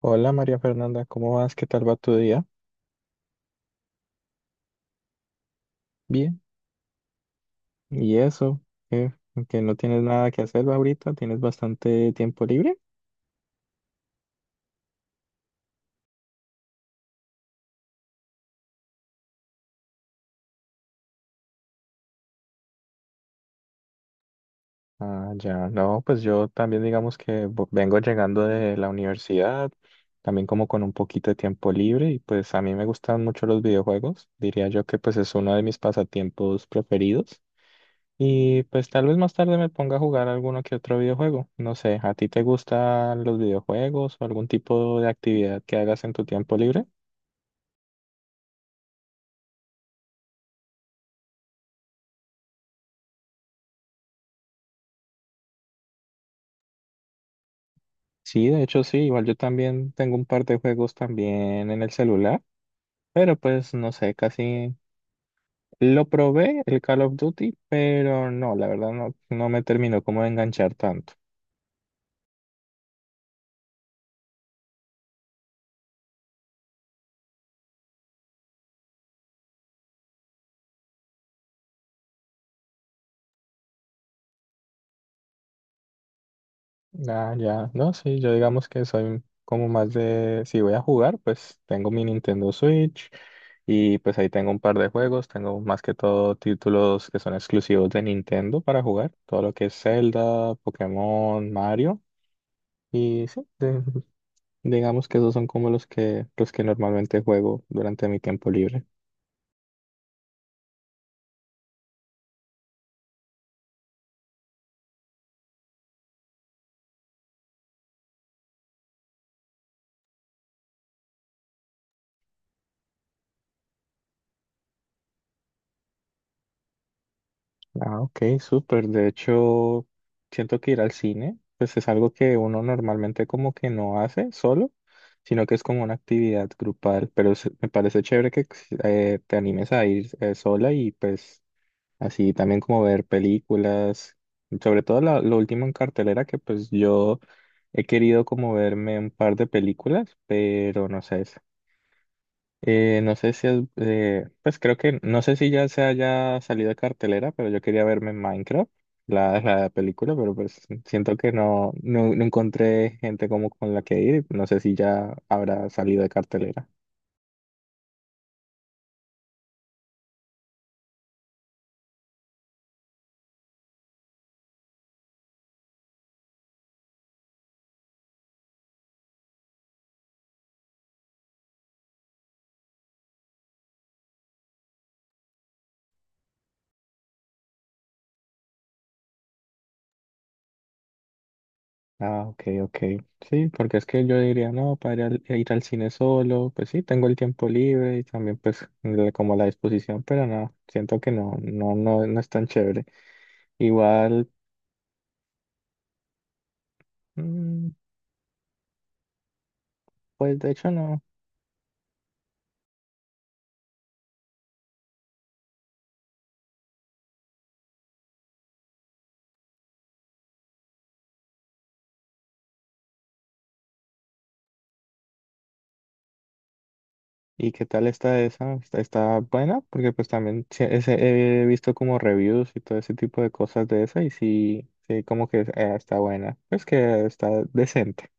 Hola María Fernanda, ¿cómo vas? ¿Qué tal va tu día? Bien. ¿Y eso? ¿Qué? ¿Que no tienes nada que hacer ahorita? ¿Tienes bastante tiempo libre? Ah, ya, no, pues yo también digamos que vengo llegando de la universidad, también como con un poquito de tiempo libre y pues a mí me gustan mucho los videojuegos, diría yo que pues es uno de mis pasatiempos preferidos y pues tal vez más tarde me ponga a jugar alguno que otro videojuego, no sé, ¿a ti te gustan los videojuegos o algún tipo de actividad que hagas en tu tiempo libre? Sí, de hecho sí, igual yo también tengo un par de juegos también en el celular, pero pues no sé, casi lo probé el Call of Duty, pero no, la verdad no no me terminó como de enganchar tanto. Ah, ya, no, sí, yo digamos que soy como más de, si voy a jugar, pues tengo mi Nintendo Switch y pues ahí tengo un par de juegos, tengo más que todo títulos que son exclusivos de Nintendo para jugar, todo lo que es Zelda, Pokémon, Mario. Y sí, digamos que esos son como los que normalmente juego durante mi tiempo libre. Ah, ok, súper. De hecho, siento que ir al cine, pues es algo que uno normalmente como que no hace solo, sino que es como una actividad grupal. Pero me parece chévere que si, te animes a ir sola y pues así también como ver películas, sobre todo lo último en cartelera que pues yo he querido como verme un par de películas, pero no sé. No sé si es, pues creo que, no sé si ya se haya salido de cartelera, pero yo quería verme en Minecraft, la, la película, pero pues siento que no, no encontré gente como con la que ir, y no sé si ya habrá salido de cartelera. Ah, ok, ok. Sí, porque es que yo diría, no, para ir ir al cine solo, pues sí, tengo el tiempo libre y también pues como la disposición, pero no, siento que no, no es tan chévere. Igual, mm, pues de hecho no. ¿Y qué tal está esa? ¿Está, está buena? Porque pues también sí, he visto como reviews y todo ese tipo de cosas de esa y sí, sí, como que está buena. Pues que está decente.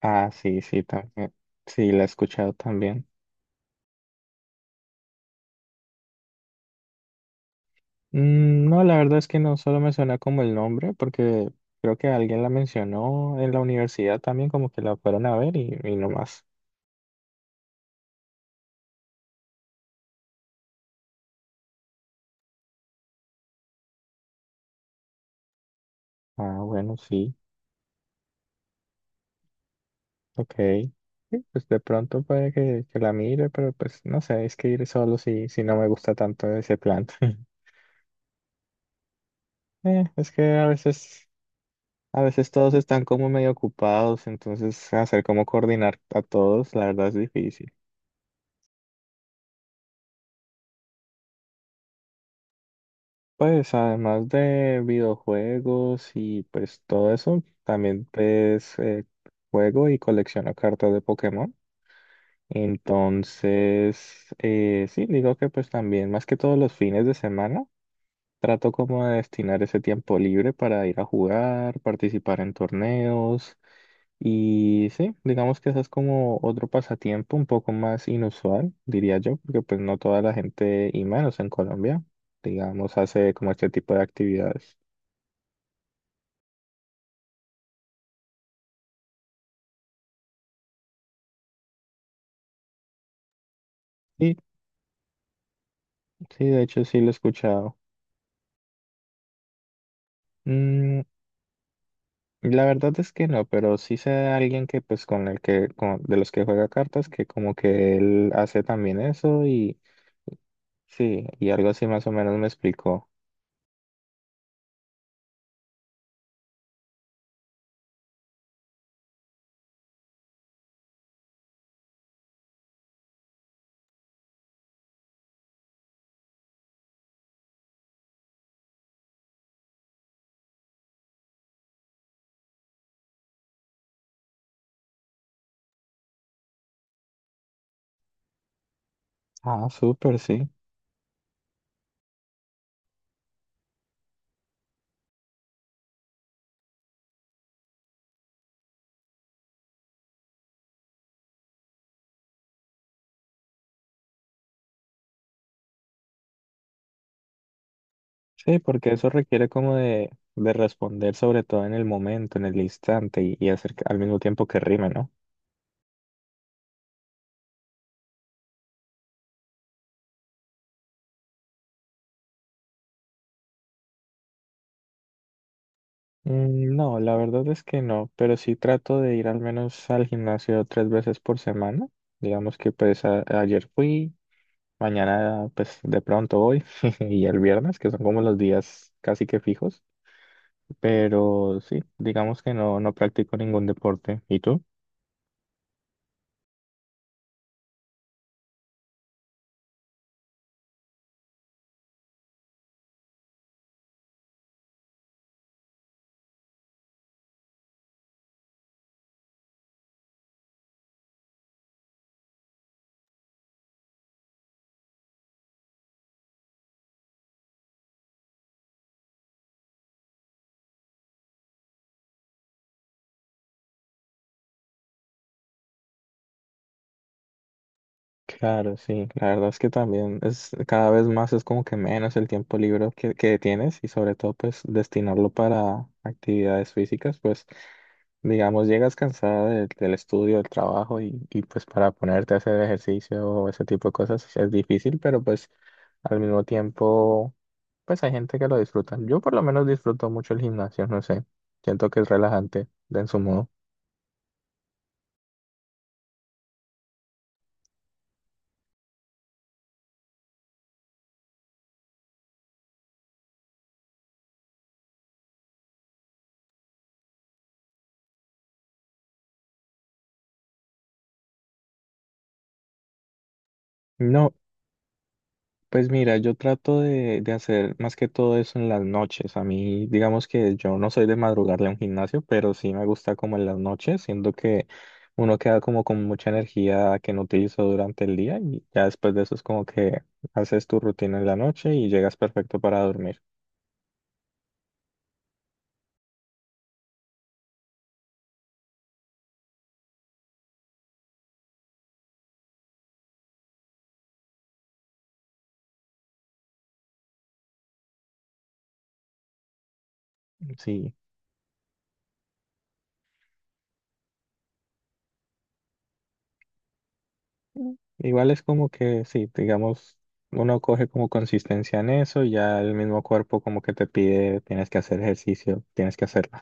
Ah, sí, sí, también. Sí, la he escuchado también. No, la verdad es que no, solo me suena como el nombre, porque creo que alguien la mencionó en la universidad también, como que la fueron a ver y no más. Ah, bueno, sí. Ok. Sí, pues de pronto puede que la mire, pero pues no sé, es que ir solo si, si no me gusta tanto ese plan. Es que a veces todos están como medio ocupados, entonces hacer como coordinar a todos, la verdad es difícil. Pues además de videojuegos y pues todo eso, también juego y colecciono cartas de Pokémon. Entonces, sí, digo que pues también más que todos los fines de semana. Trato como de destinar ese tiempo libre para ir a jugar, participar en torneos y sí, digamos que ese es como otro pasatiempo un poco más inusual, diría yo, porque pues no toda la gente y menos en Colombia, digamos, hace como este tipo de actividades. Sí, sí, de hecho sí lo he escuchado. Mm, la verdad es que no, pero sí sé de alguien que pues con el que, de los que juega cartas, que como que él hace también eso y sí, y algo así más o menos me explicó. Ah, súper, sí. Sí, porque eso requiere como de responder sobre todo en el momento, en el instante y hacer al mismo tiempo que rime, ¿no? No, la verdad es que no, pero sí trato de ir al menos al gimnasio 3 veces por semana. Digamos que pues ayer fui, mañana pues de pronto voy y el viernes, que son como los días casi que fijos, pero sí, digamos que no, no practico ningún deporte. ¿Y tú? Claro, sí, la verdad es que también es cada vez más, es como que menos el tiempo libre que tienes y sobre todo pues destinarlo para actividades físicas, pues digamos llegas cansada del estudio, del trabajo y pues para ponerte a hacer ejercicio o ese tipo de cosas es difícil, pero pues al mismo tiempo pues hay gente que lo disfruta. Yo por lo menos disfruto mucho el gimnasio, no sé, siento que es relajante de en su modo. No. Pues mira, yo trato de hacer más que todo eso en las noches. A mí, digamos que yo no soy de madrugarle a un gimnasio, pero sí me gusta como en las noches, siendo que uno queda como con mucha energía que no utilizó durante el día y ya después de eso es como que haces tu rutina en la noche y llegas perfecto para dormir. Sí. Mm. Igual es como que sí, digamos, uno coge como consistencia en eso y ya el mismo cuerpo como que te pide, tienes que hacer ejercicio, tienes que hacerlo.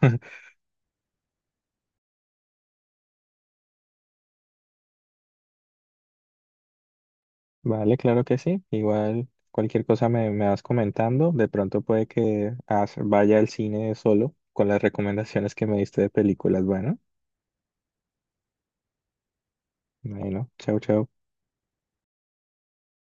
Vale, claro que sí. Igual cualquier cosa me, me vas comentando. De pronto puede que vaya al cine solo con las recomendaciones que me diste de películas. Bueno, bueno, chao, chao.